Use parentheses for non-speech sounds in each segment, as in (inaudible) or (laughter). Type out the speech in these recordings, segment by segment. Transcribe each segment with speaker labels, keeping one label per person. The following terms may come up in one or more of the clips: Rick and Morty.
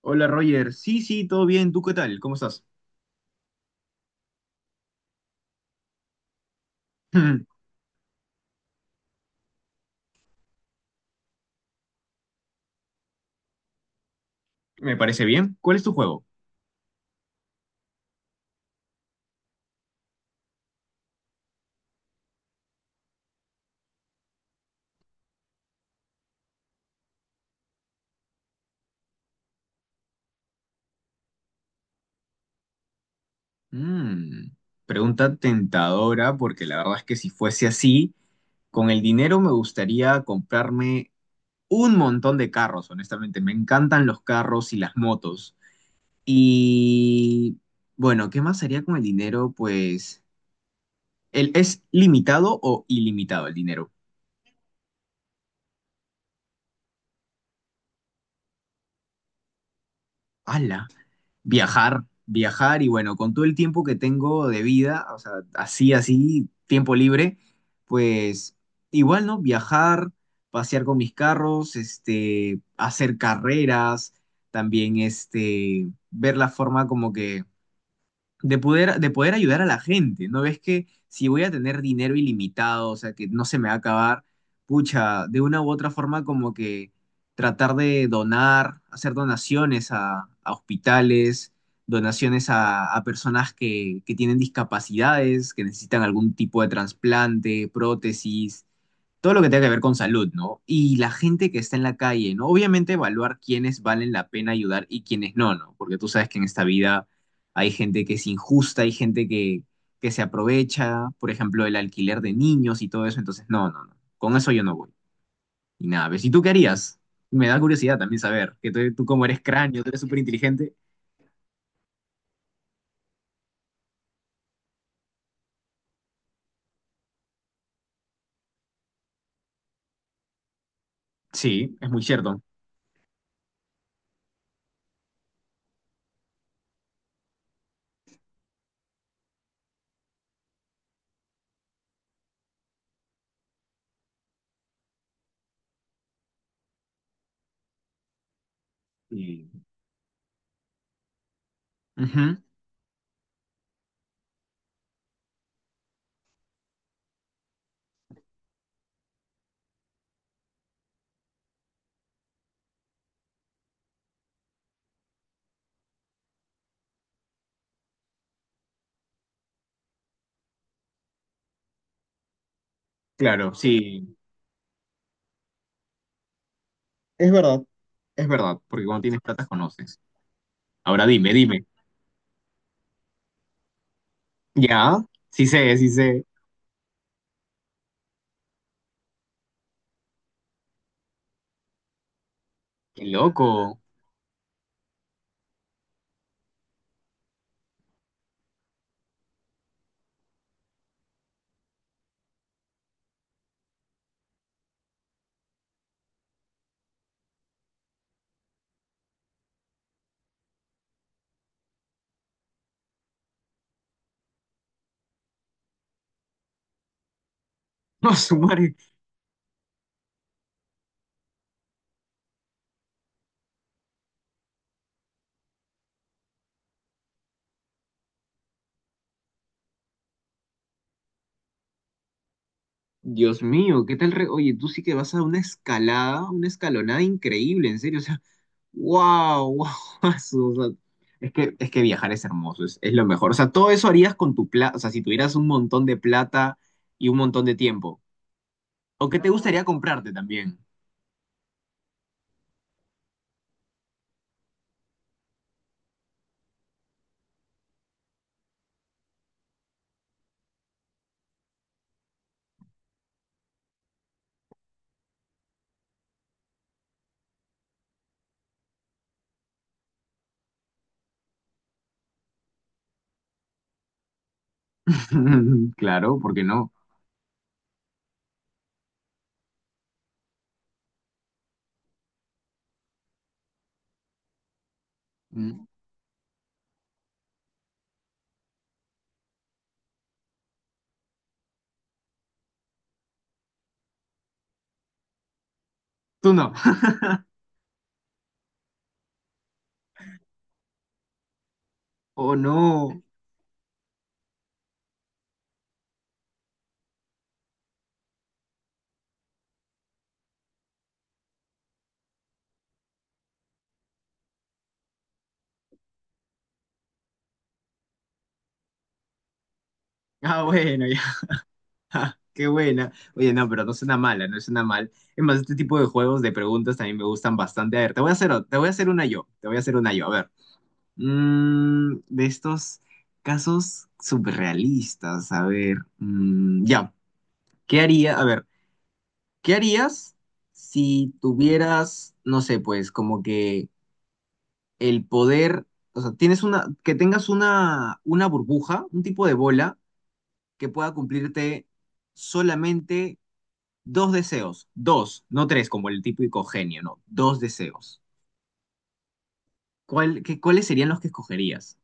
Speaker 1: Hola Roger, sí, sí, todo bien, ¿tú qué tal? ¿Cómo estás? (clears throat) (laughs) Me parece bien. ¿Cuál es tu juego? Mm, pregunta tentadora, porque la verdad es que si fuese así, con el dinero me gustaría comprarme un montón de carros, honestamente. Me encantan los carros y las motos. Y bueno, ¿qué más haría con el dinero? Pues, ¿es limitado o ilimitado el dinero? ¡Hala! Viajar, viajar y bueno, con todo el tiempo que tengo de vida, o sea, así, así, tiempo libre, pues igual, ¿no? Viajar, pasear con mis carros, este, hacer carreras, también, este, ver la forma como que de poder ayudar a la gente, ¿no ves que si voy a tener dinero ilimitado, o sea, que no se me va a acabar, pucha, de una u otra forma como que tratar de donar, hacer donaciones a hospitales, donaciones a personas que tienen discapacidades, que necesitan algún tipo de trasplante, prótesis, todo lo que tenga que ver con salud, ¿no? Y la gente que está en la calle, ¿no? Obviamente evaluar quiénes valen la pena ayudar y quiénes no, ¿no? Porque tú sabes que en esta vida hay gente que es injusta, hay gente que se aprovecha, por ejemplo, el alquiler de niños y todo eso, entonces no, no, no, con eso yo no voy. Y nada, ¿ves? ¿Y tú qué harías? Me da curiosidad también saber, que tú como eres cráneo, tú eres súper inteligente. Sí, es muy cierto. Y- Ujú. Claro, sí. Es verdad, es verdad, porque cuando tienes plata conoces. Ahora dime, dime. Ya, sí sé, sí sé. Qué loco. (laughs) No, su madre. Dios mío, ¿qué tal? Oye, tú sí que vas a una escalada, una escalonada increíble, en serio. O sea, wow, wow. (laughs) O sea, es que viajar es hermoso, es lo mejor. O sea, todo eso harías con tu plata, o sea, si tuvieras un montón de plata y un montón de tiempo. O qué te gustaría comprarte también. (laughs) Claro, ¿por qué no? Mm. Tú no. (laughs) Oh, no. Ah, bueno. (laughs) Ja, qué buena. Oye, no, pero no suena mala, no suena mal. Es más, este tipo de juegos de preguntas también me gustan bastante. A ver, te voy a hacer una yo, te voy a hacer una yo. A ver, de estos casos surrealistas, a ver, ya, ¿qué haría? A ver, ¿qué harías si tuvieras, no sé, pues, como que el poder, o sea, que tengas una burbuja, un tipo de bola que pueda cumplirte solamente dos deseos. Dos, no tres, como el típico genio, no. Dos deseos. ¿Cuáles serían los que escogerías?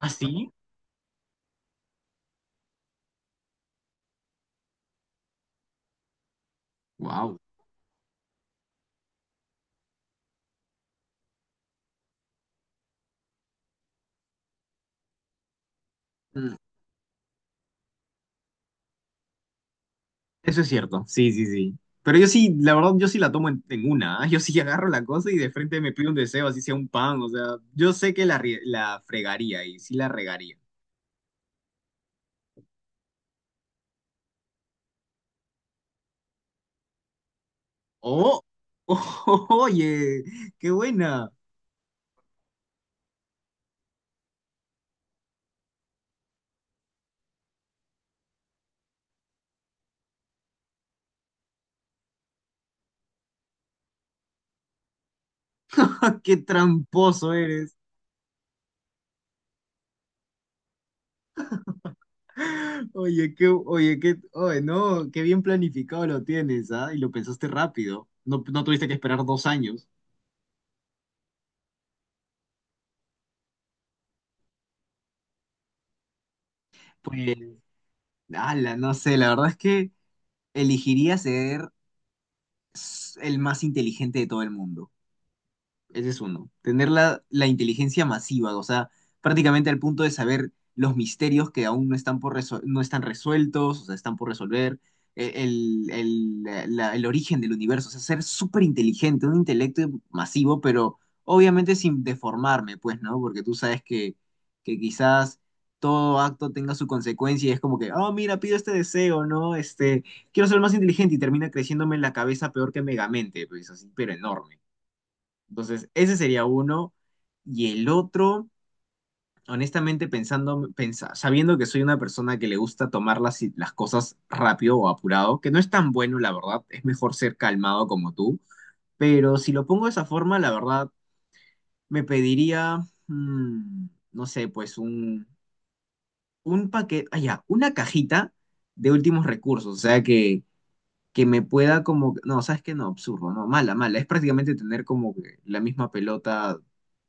Speaker 1: ¿Ah, sí? Wow. Mm, eso es cierto, sí, sí, sí. Pero yo sí, la verdad, yo sí la tomo en una, ¿ah? Yo sí (laughs) agarro la cosa y de frente me pido un deseo, así sea un pan, o sea, yo sé que la fregaría y sí la regaría. ¡Oh! (laughs) ¡Oye! ¡Qué buena! (laughs) ¡Qué tramposo eres! Oye, qué, oye, qué, oye, no, qué bien planificado lo tienes, ¿ah? Y lo pensaste rápido. No, no tuviste que esperar 2 años. Pues, ala, no sé, la verdad es que elegiría ser el más inteligente de todo el mundo. Ese es uno. Tener la, la inteligencia masiva, o sea, prácticamente al punto de saber los misterios que aún no están, no están resueltos, o sea, están por resolver, el origen del universo, o sea, ser súper inteligente, un intelecto masivo, pero obviamente sin deformarme, pues, ¿no? Porque tú sabes que quizás todo acto tenga su consecuencia y es como que, oh, mira, pido este deseo, ¿no? Este, quiero ser más inteligente y termina creciéndome en la cabeza peor que Megamente, pues así, pero enorme. Entonces, ese sería uno. Y el otro, honestamente, sabiendo que soy una persona que le gusta tomar las cosas rápido o apurado, que no es tan bueno, la verdad, es mejor ser calmado como tú, pero si lo pongo de esa forma, la verdad, me pediría, mm, no sé, pues un paquete, ah, ya, una cajita de últimos recursos, o sea que me pueda como, no, sabes que no, absurdo, no, mala, mala, es prácticamente tener como que la misma pelota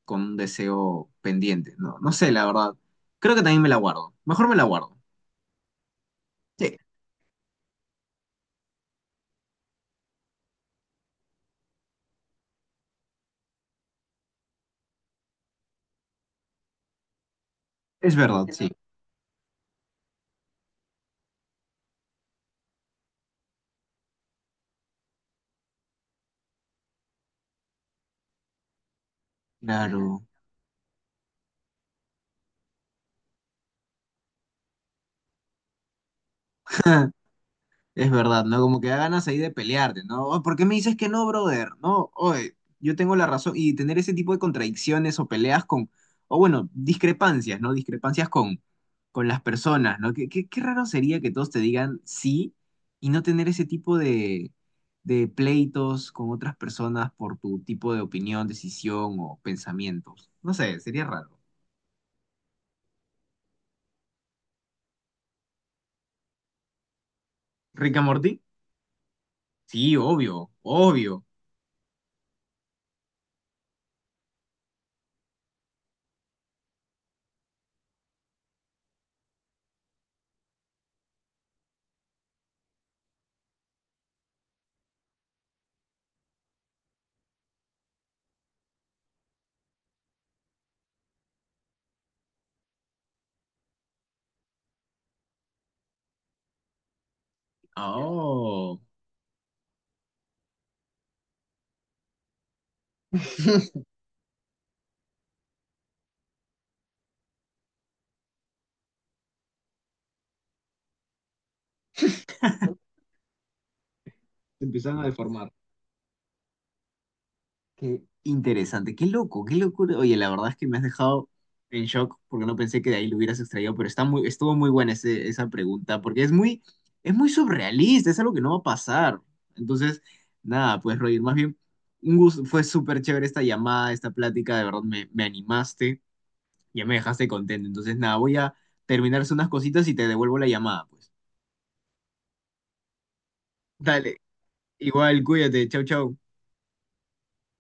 Speaker 1: con un deseo pendiente, no, no sé, la verdad, creo que también me la guardo, mejor me la guardo, sí, es verdad, sí, claro. Es verdad, ¿no? Como que da ganas ahí de pelearte, ¿no? "Oh, ¿por qué me dices que no, brother? No, oye, yo tengo la razón". Y tener ese tipo de contradicciones o peleas con, o bueno, discrepancias, ¿no? Discrepancias con las personas, ¿no? Qué raro sería que todos te digan sí y no tener ese tipo de pleitos con otras personas por tu tipo de opinión, decisión o pensamientos. No sé, sería raro. ¿Rick and Morty? Sí, obvio, obvio. Oh. Se empiezan a deformar. Qué interesante, qué loco, qué locura. Oye, la verdad es que me has dejado en shock porque no pensé que de ahí lo hubieras extraído, pero está muy, estuvo muy buena esa pregunta porque es muy surrealista, es algo que no va a pasar. Entonces, nada, pues Roger, más bien, un gusto, fue súper chévere esta llamada, esta plática, de verdad me animaste, ya me dejaste contento. Entonces, nada, voy a terminarse unas cositas y te devuelvo la llamada, pues. Dale, igual, cuídate, chau, chau.